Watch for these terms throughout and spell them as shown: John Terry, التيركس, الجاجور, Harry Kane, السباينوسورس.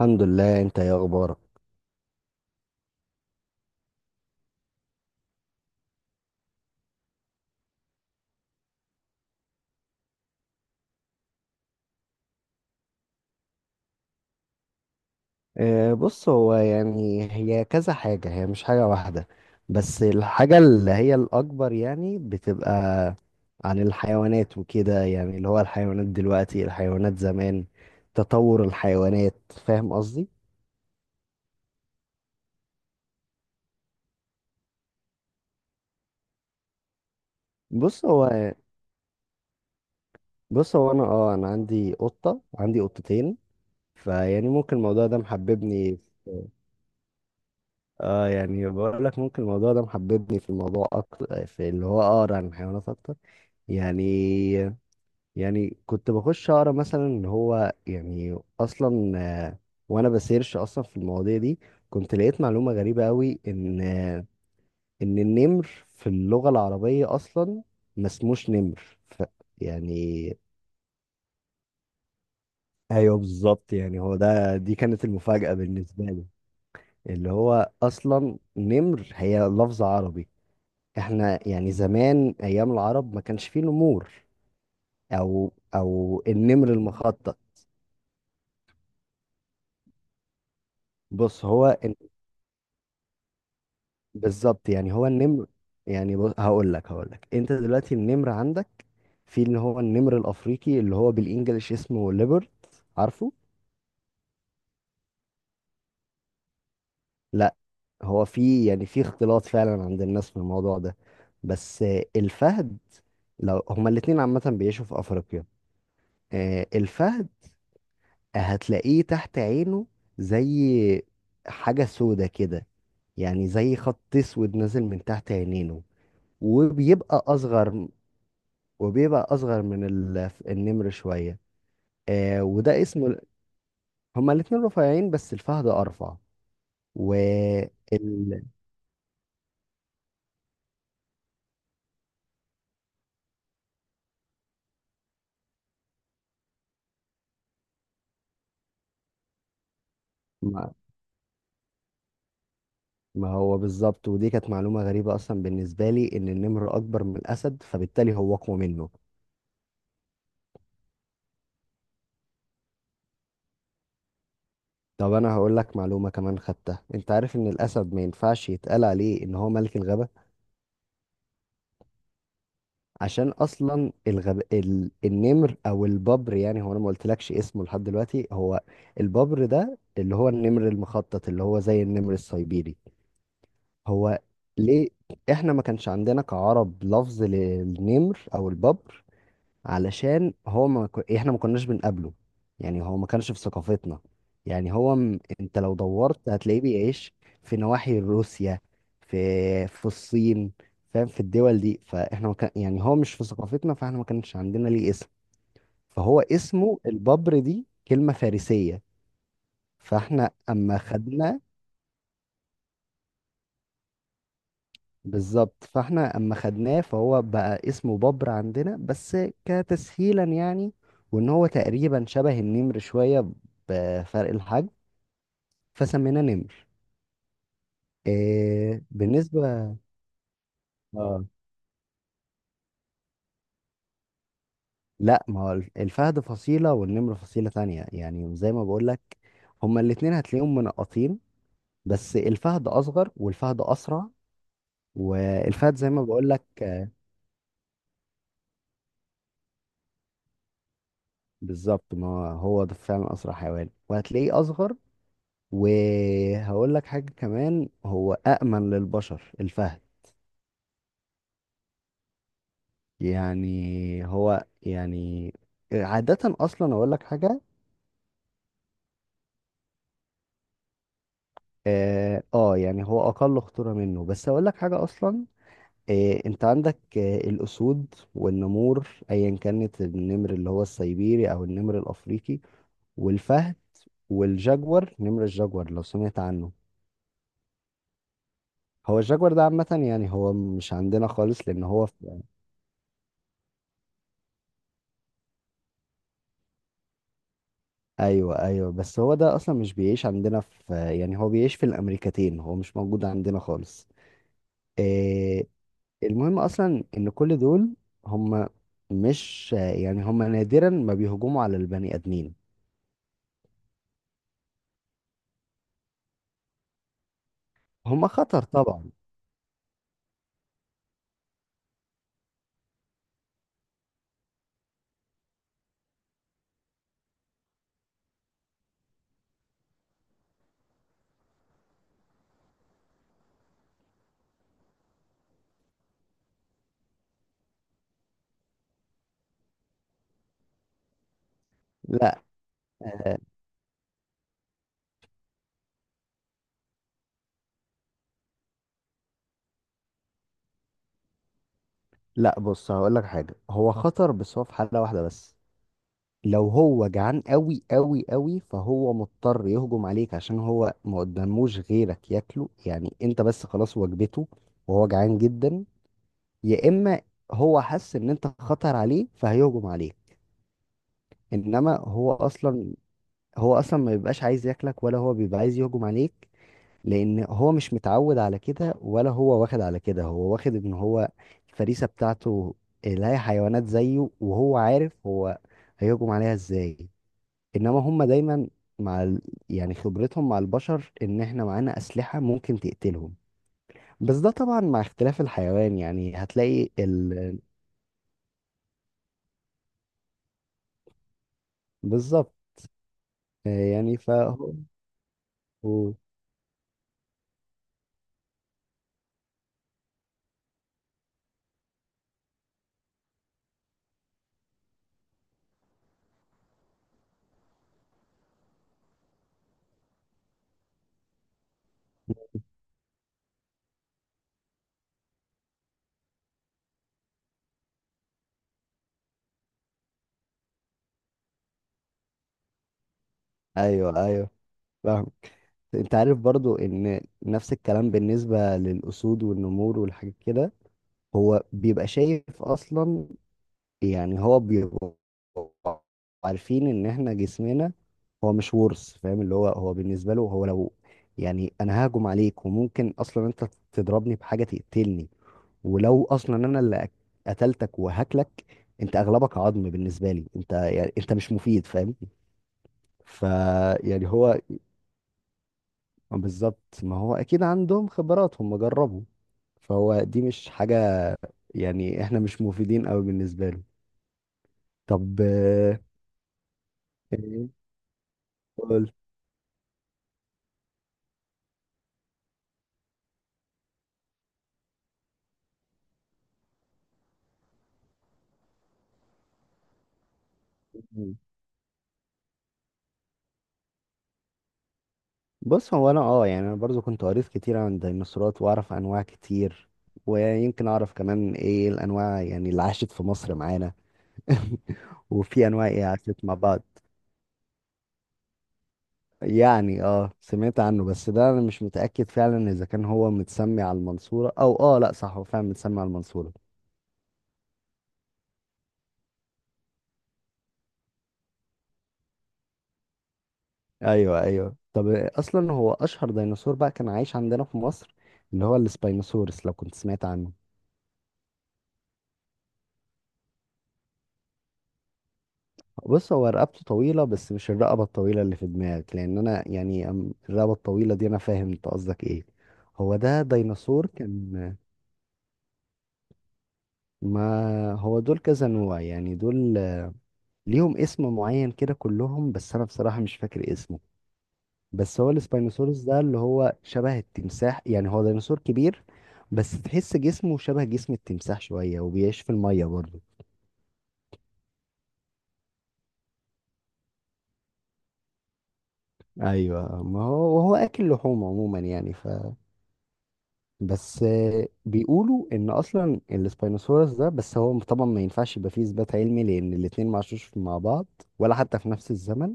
الحمد لله، انت ايه اخبارك؟ بص، هو يعني هي كذا حاجة، هي مش حاجة واحدة. بس الحاجة اللي هي الأكبر يعني بتبقى عن الحيوانات وكده، يعني اللي هو الحيوانات دلوقتي، الحيوانات زمان، تطور الحيوانات. فاهم قصدي؟ بص هو بص هو أنا عندي قطة، عندي قطتين. فيعني ممكن الموضوع ده محببني. اه يعني بقول لك ممكن الموضوع ده محببني في الموضوع أكتر، في اللي هو أقرأ عن الحيوانات أكتر. يعني يعني كنت بخش اقرا مثلا ان هو يعني اصلا، آه، وانا بسيرش اصلا في المواضيع دي، كنت لقيت معلومه غريبه قوي ان ان النمر في اللغه العربيه اصلا ما اسموش نمر. يعني. ايوه، بالظبط. يعني هو ده دي كانت المفاجاه بالنسبه لي. اللي هو اصلا نمر هي لفظ عربي. احنا يعني زمان ايام العرب ما كانش فيه نمور، او النمر المخطط. بص، هو بالظبط. يعني هو النمر. يعني بص، هقول لك انت دلوقتي النمر عندك في اللي هو النمر الافريقي، اللي هو بالانجلش اسمه ليبرت، عارفه؟ لا، هو في يعني في اختلاط فعلا عند الناس في الموضوع ده. بس الفهد، لو هما الاتنين عامة بيعيشوا في افريقيا. الفهد، هتلاقيه تحت عينه زي حاجة سودة كده، يعني زي خط اسود نازل من تحت عينينه، وبيبقى اصغر، وبيبقى اصغر من النمر شويه. وده اسمه. هما الاتنين رفيعين، بس الفهد ارفع. و ال... ما... ما هو بالظبط، ودي كانت معلومه غريبه اصلا بالنسبه لي، ان النمر اكبر من الاسد، فبالتالي هو اقوى منه. طب انا هقول لك معلومه كمان خدتها، انت عارف ان الاسد ما ينفعش يتقال عليه ان هو ملك الغابه؟ عشان اصلا النمر او الببر، يعني هو انا ما قلتلكش اسمه لحد دلوقتي. هو الببر ده اللي هو النمر المخطط، اللي هو زي النمر السيبيري. هو ليه احنا ما كانش عندنا كعرب لفظ للنمر او الببر؟ علشان هو ما ك... احنا ما كناش بنقابله، يعني هو ما كانش في ثقافتنا. يعني هو انت لو دورت هتلاقيه بيعيش في نواحي روسيا، في في الصين، فاهم؟ في الدول دي، فاحنا ما كان... يعني هو مش في ثقافتنا، فاحنا ما كانش عندنا ليه اسم، فهو اسمه الببر، دي كلمة فارسية. فاحنا اما خدنا بالظبط، فاحنا اما خدناه فهو بقى اسمه بابر عندنا بس، كتسهيلا يعني، وان هو تقريبا شبه النمر شوية بفرق الحجم، فسميناه نمر. إيه بالنسبة. آه. لا، ما هو الفهد فصيلة والنمر فصيلة تانية، يعني زي ما بقولك، هما الاتنين هتلاقيهم منقطين، بس الفهد اصغر والفهد اسرع، والفهد زي ما بقولك. بالظبط، ما هو ده فعلا اسرع حيوان، وهتلاقيه اصغر. وهقول لك حاجة كمان، هو أأمن للبشر الفهد. يعني هو، يعني عادة أصلا أقول لك حاجة. آه، آه، يعني هو أقل خطورة منه، بس أقول لك حاجة أصلا. أنت عندك الأسود والنمور، أيا كانت، النمر اللي هو السيبيري أو النمر الأفريقي، والفهد، والجاجور. نمر الجاجور لو سمعت عنه، هو الجاجور ده عامة يعني هو مش عندنا خالص، لأن هو ايوه، ايوه، بس هو ده اصلا مش بيعيش عندنا يعني هو بيعيش في الامريكتين، هو مش موجود عندنا خالص. إيه، المهم اصلا ان كل دول هم، مش يعني، هم نادرا ما بيهجموا على البني ادمين. هم خطر طبعا. لا، آه، لا، بص، هقول لك حاجه، هو خطر بس هو في حاله واحده بس. لو هو جعان قوي قوي قوي، فهو مضطر يهجم عليك عشان هو ما قداموش غيرك ياكله، يعني انت بس، خلاص، وجبته، وهو جعان جدا. يا اما هو حس ان انت خطر عليه فهيهجم عليك. انما هو اصلا ما بيبقاش عايز ياكلك ولا هو بيبقى عايز يهجم عليك، لان هو مش متعود على كده ولا هو واخد على كده. هو واخد ان هو، الفريسه بتاعته اللي هي حيوانات زيه، وهو عارف هو هيهجم عليها ازاي. انما هم دايما مع ال... يعني خبرتهم مع البشر ان احنا معانا اسلحه ممكن تقتلهم. بس ده طبعا مع اختلاف الحيوان، يعني هتلاقي بالظبط. يعني فهو هو- ايوه، ايوه، فاهم. انت عارف برضو ان نفس الكلام بالنسبة للأسود والنمور والحاجات كده، هو بيبقى شايف اصلا، يعني هو بيبقى. عارفين ان احنا جسمنا، هو مش ورث، فاهم اللي هو، هو بالنسبة له، هو لو يعني انا ههجم عليك وممكن اصلا انت تضربني بحاجة تقتلني، ولو اصلا انا اللي قتلتك وهاكلك، انت اغلبك عظم بالنسبة لي، انت يعني انت مش مفيد، فاهم؟ ف يعني هو بالظبط، ما هو اكيد عندهم خبرات هم جربوا، فهو دي مش حاجة، يعني احنا مش مفيدين قوي بالنسبة له. طب إيه؟ قول. بص، هو انا اه يعني انا برضو كنت قريت كتير عن الديناصورات واعرف انواع كتير، ويمكن اعرف كمان ايه الانواع يعني اللي عاشت في مصر معانا. وفي انواع ايه عاشت مع بعض. يعني، سمعت عنه بس ده انا مش متأكد فعلا اذا كان هو متسمي على المنصورة، او لا، صح، هو فعلا متسمي على المنصورة. ايوه، ايوه. طب اصلا هو اشهر ديناصور بقى كان عايش عندنا في مصر، اللي هو السباينوسورس، لو كنت سمعت عنه. بص، هو رقبته طويله بس مش الرقبه الطويله اللي في دماغك، لان انا يعني الرقبه الطويله دي، انا فاهم انت قصدك ايه. هو ده ديناصور كان. ما هو دول كذا نوع، يعني دول ليهم اسم معين كده كلهم، بس انا بصراحه مش فاكر اسمه. بس هو السباينوسورس ده اللي هو شبه التمساح، يعني هو ديناصور كبير، بس تحس جسمه شبه جسم التمساح شوية وبيعيش في المية برضه. أيوة، ما هو وهو أكل لحوم عموما، يعني بس بيقولوا إن أصلا السباينوسورس ده، بس هو طبعا ما ينفعش يبقى فيه إثبات علمي لأن الاتنين ما عاشوش مع بعض ولا حتى في نفس الزمن،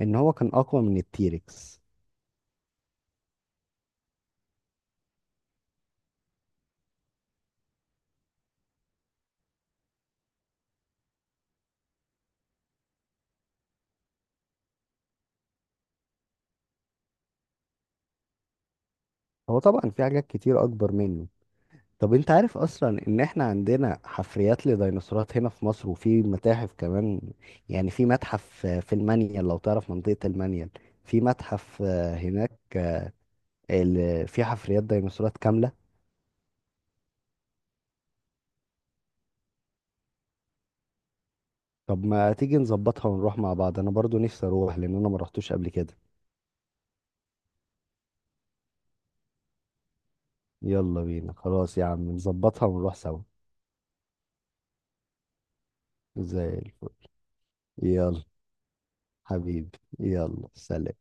إن هو كان أقوى من التيركس. هو طبعا في حاجات كتير أكبر منه. طب انت عارف اصلا ان احنا عندنا حفريات لديناصورات هنا في مصر وفي متاحف كمان، يعني في متحف في المنيل، لو تعرف منطقة المنيل، في متحف هناك في حفريات ديناصورات كاملة. طب ما تيجي نظبطها ونروح مع بعض، انا برضو نفسي اروح لان انا ما رحتوش قبل كده. يلا بينا، خلاص يا عم، نظبطها ونروح سوا. زي الفل، يلا حبيبي، يلا سلام.